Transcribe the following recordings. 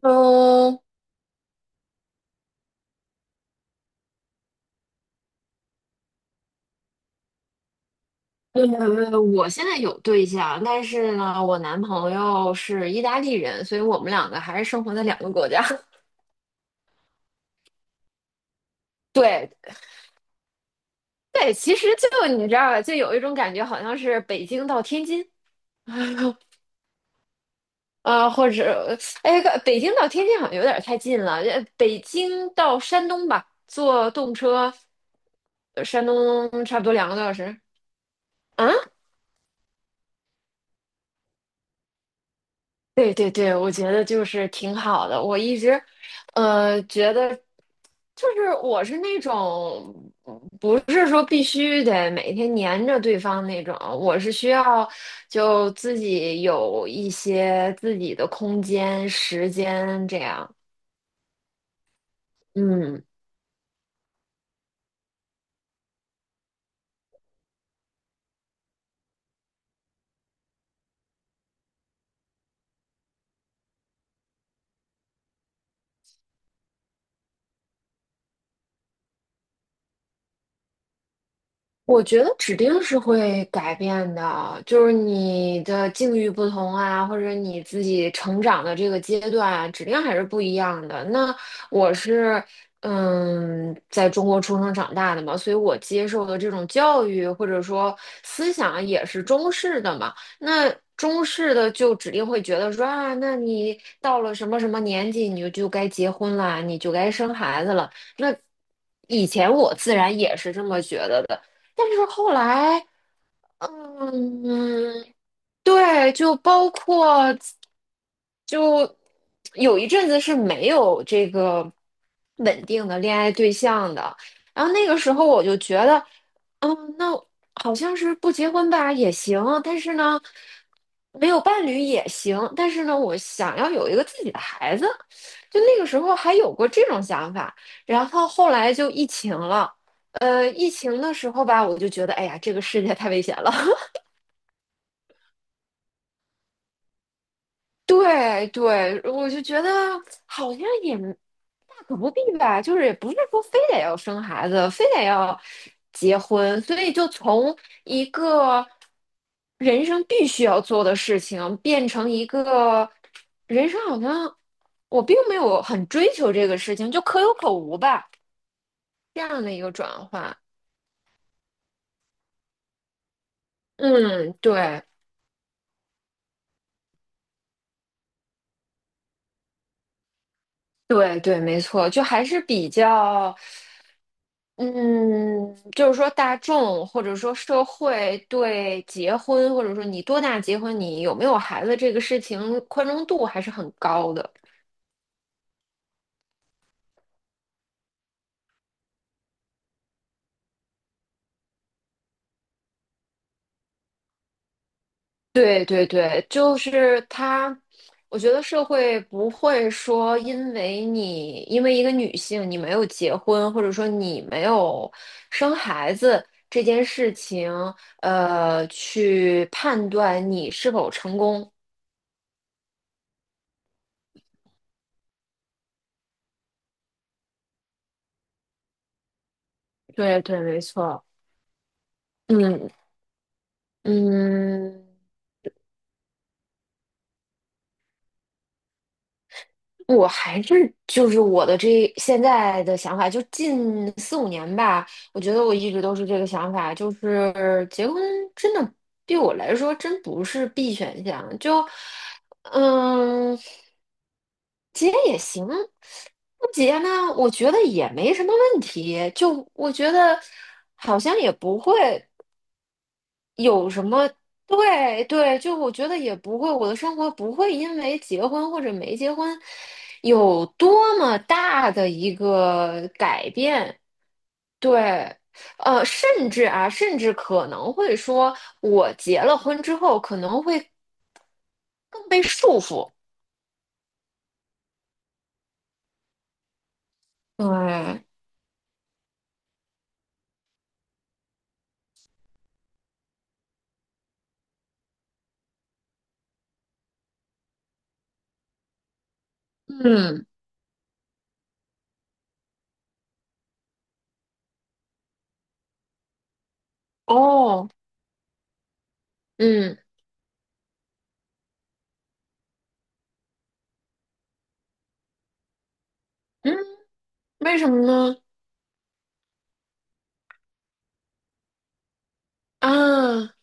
嗯。呃，我现在有对象，但是呢，我男朋友是意大利人，所以我们两个还是生活在两个国家。对，对，其实就你知道吧，就有一种感觉，好像是北京到天津，啊，或者，哎，北京到天津好像有点太近了，北京到山东吧，坐动车，山东差不多2个多小时。啊。对对对，我觉得就是挺好的。我一直，觉得就是我是那种不是说必须得每天黏着对方那种，我是需要就自己有一些自己的空间、时间这样。嗯。我觉得指定是会改变的，就是你的境遇不同啊，或者你自己成长的这个阶段啊，指定还是不一样的。那我是，在中国出生长大的嘛，所以我接受的这种教育或者说思想也是中式的嘛。那中式的就指定会觉得说啊，那你到了什么什么年纪，你就就该结婚啦，你就该生孩子了。那以前我自然也是这么觉得的。但是后来，嗯，对，就包括就有一阵子是没有这个稳定的恋爱对象的，然后那个时候我就觉得，那好像是不结婚吧也行，但是呢，没有伴侣也行，但是呢，我想要有一个自己的孩子，就那个时候还有过这种想法，然后后来就疫情了，疫情的时候吧，我就觉得，哎呀，这个世界太危险了。对对，我就觉得好像也大可不必吧，就是也不是说非得要生孩子，非得要结婚，所以就从一个人生必须要做的事情，变成一个人生好像我并没有很追求这个事情，就可有可无吧，这样的一个转换。嗯，对，对对，没错，就还是比较，嗯，就是说大众或者说社会对结婚，或者说你多大结婚，你有没有孩子这个事情宽容度还是很高的。对对对，就是他，我觉得社会不会说因为一个女性你没有结婚，或者说你没有生孩子这件事情，去判断你是否成功。对对，没错。嗯嗯，我还是就是我的这现在的想法，就近四五年吧，我觉得我一直都是这个想法，就是结婚真的对我来说真不是 B 选项，就嗯，结也行，不结呢，我觉得也没什么问题，就我觉得好像也不会。有什么？对对，就我觉得也不会，我的生活不会因为结婚或者没结婚有多么大的一个改变。对，甚至可能会说，我结了婚之后可能会更被束缚。对，嗯，哦，嗯嗯，为什么呢？啊，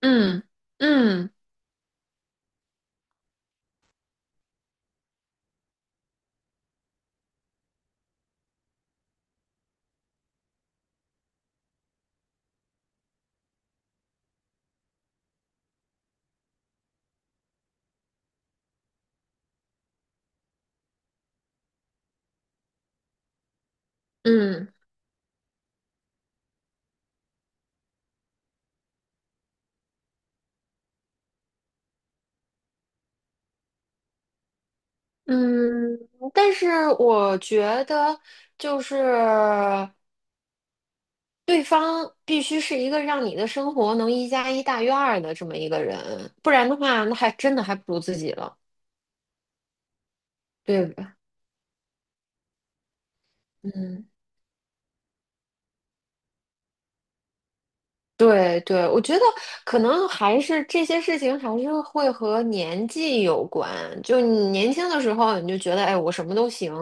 嗯嗯嗯。嗯，但是我觉得，就是对方必须是一个让你的生活能一加一大于二的这么一个人，不然的话，那还真的还不如自己了，对吧？嗯，对对，我觉得可能还是这些事情还是会和年纪有关。就你年轻的时候，你就觉得，哎，我什么都行，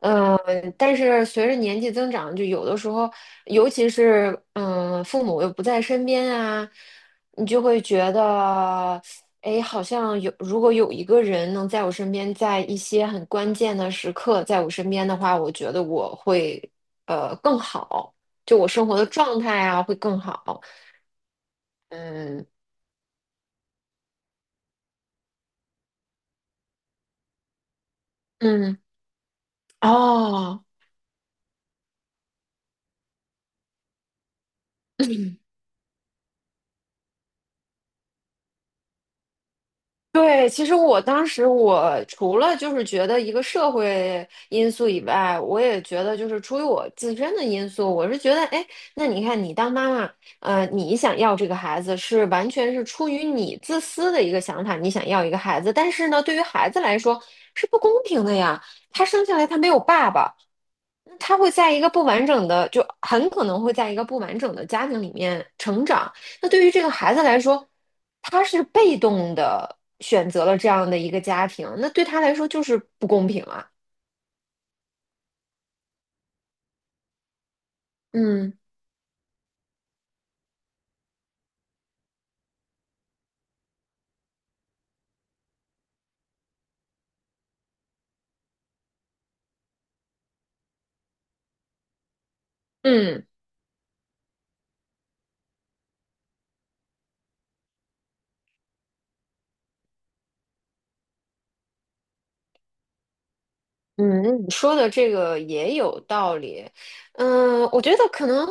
嗯，但是随着年纪增长，就有的时候，尤其是父母又不在身边啊，你就会觉得，哎，好像有，如果有一个人能在我身边，在一些很关键的时刻在我身边的话，我觉得我会更好，就我生活的状态啊会更好。嗯嗯，哦，对，其实我当时除了就是觉得一个社会因素以外，我也觉得就是出于我自身的因素，我是觉得，哎，那你看你当妈妈，你想要这个孩子是完全是出于你自私的一个想法，你想要一个孩子，但是呢，对于孩子来说是不公平的呀，他生下来他没有爸爸，他会在一个不完整的，就很可能会在一个不完整的家庭里面成长。那对于这个孩子来说，他是被动的选择了这样的一个家庭，那对他来说就是不公平啊。嗯嗯嗯，你说的这个也有道理。嗯，我觉得可能，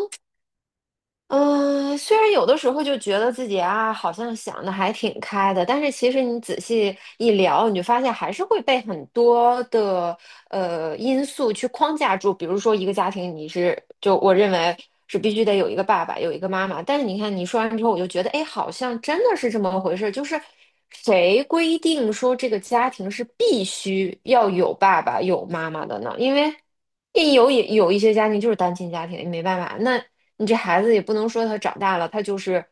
嗯，虽然有的时候就觉得自己啊，好像想的还挺开的，但是其实你仔细一聊，你就发现还是会被很多的因素去框架住，比如说一个家庭，你是就我认为是必须得有一个爸爸，有一个妈妈。但是你看你说完之后，我就觉得，哎，好像真的是这么回事，就是谁规定说这个家庭是必须要有爸爸有妈妈的呢？因为也有一些家庭就是单亲家庭，没办法，那你这孩子也不能说他长大了，他就是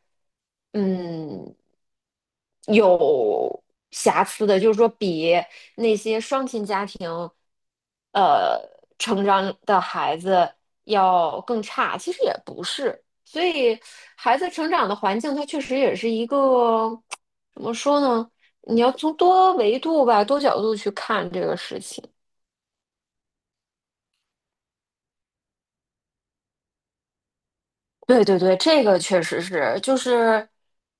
嗯有瑕疵的，就是说比呃成长的孩子要更差，其实也不是。所以孩子成长的环境，它确实也是一个怎么说呢？你要从多维度吧、多角度去看这个事情。对对对，这个确实是，就是，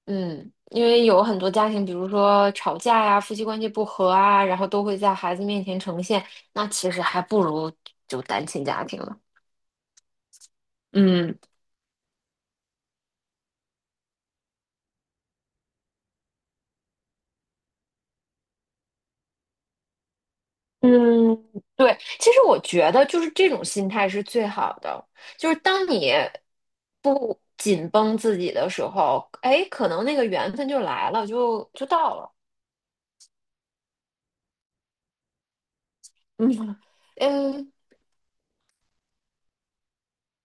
因为有很多家庭，比如说吵架呀、夫妻关系不和啊，然后都会在孩子面前呈现，那其实还不如就单亲家庭了。嗯。嗯，对，其实我觉得就是这种心态是最好的，就是当你不紧绷自己的时候，哎，可能那个缘分就来了，就到了。嗯嗯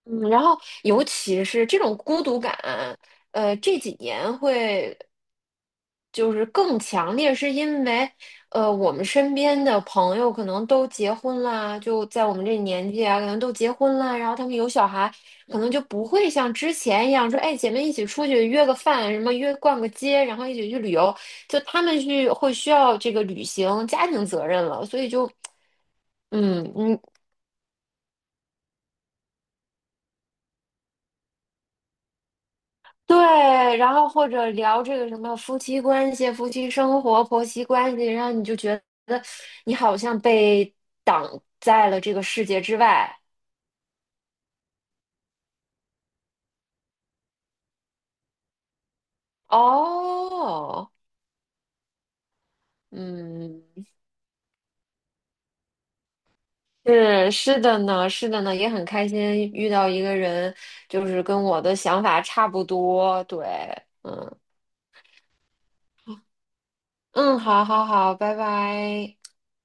嗯，然后尤其是这种孤独感，这几年会就是更强烈，是因为我们身边的朋友可能都结婚啦，就在我们这年纪啊，可能都结婚啦，然后他们有小孩，可能就不会像之前一样说，哎，姐妹一起出去约个饭，什么约逛个街，然后一起去旅游，就他们去会需要这个履行家庭责任了，所以就。嗯，对，然后或者聊这个什么夫妻关系、夫妻生活、婆媳关系，然后你就觉得你好像被挡在了这个世界之外。哦，嗯，是的呢，是的呢，也很开心遇到一个人，就是跟我的想法差不多。对，嗯嗯，好好好，拜拜。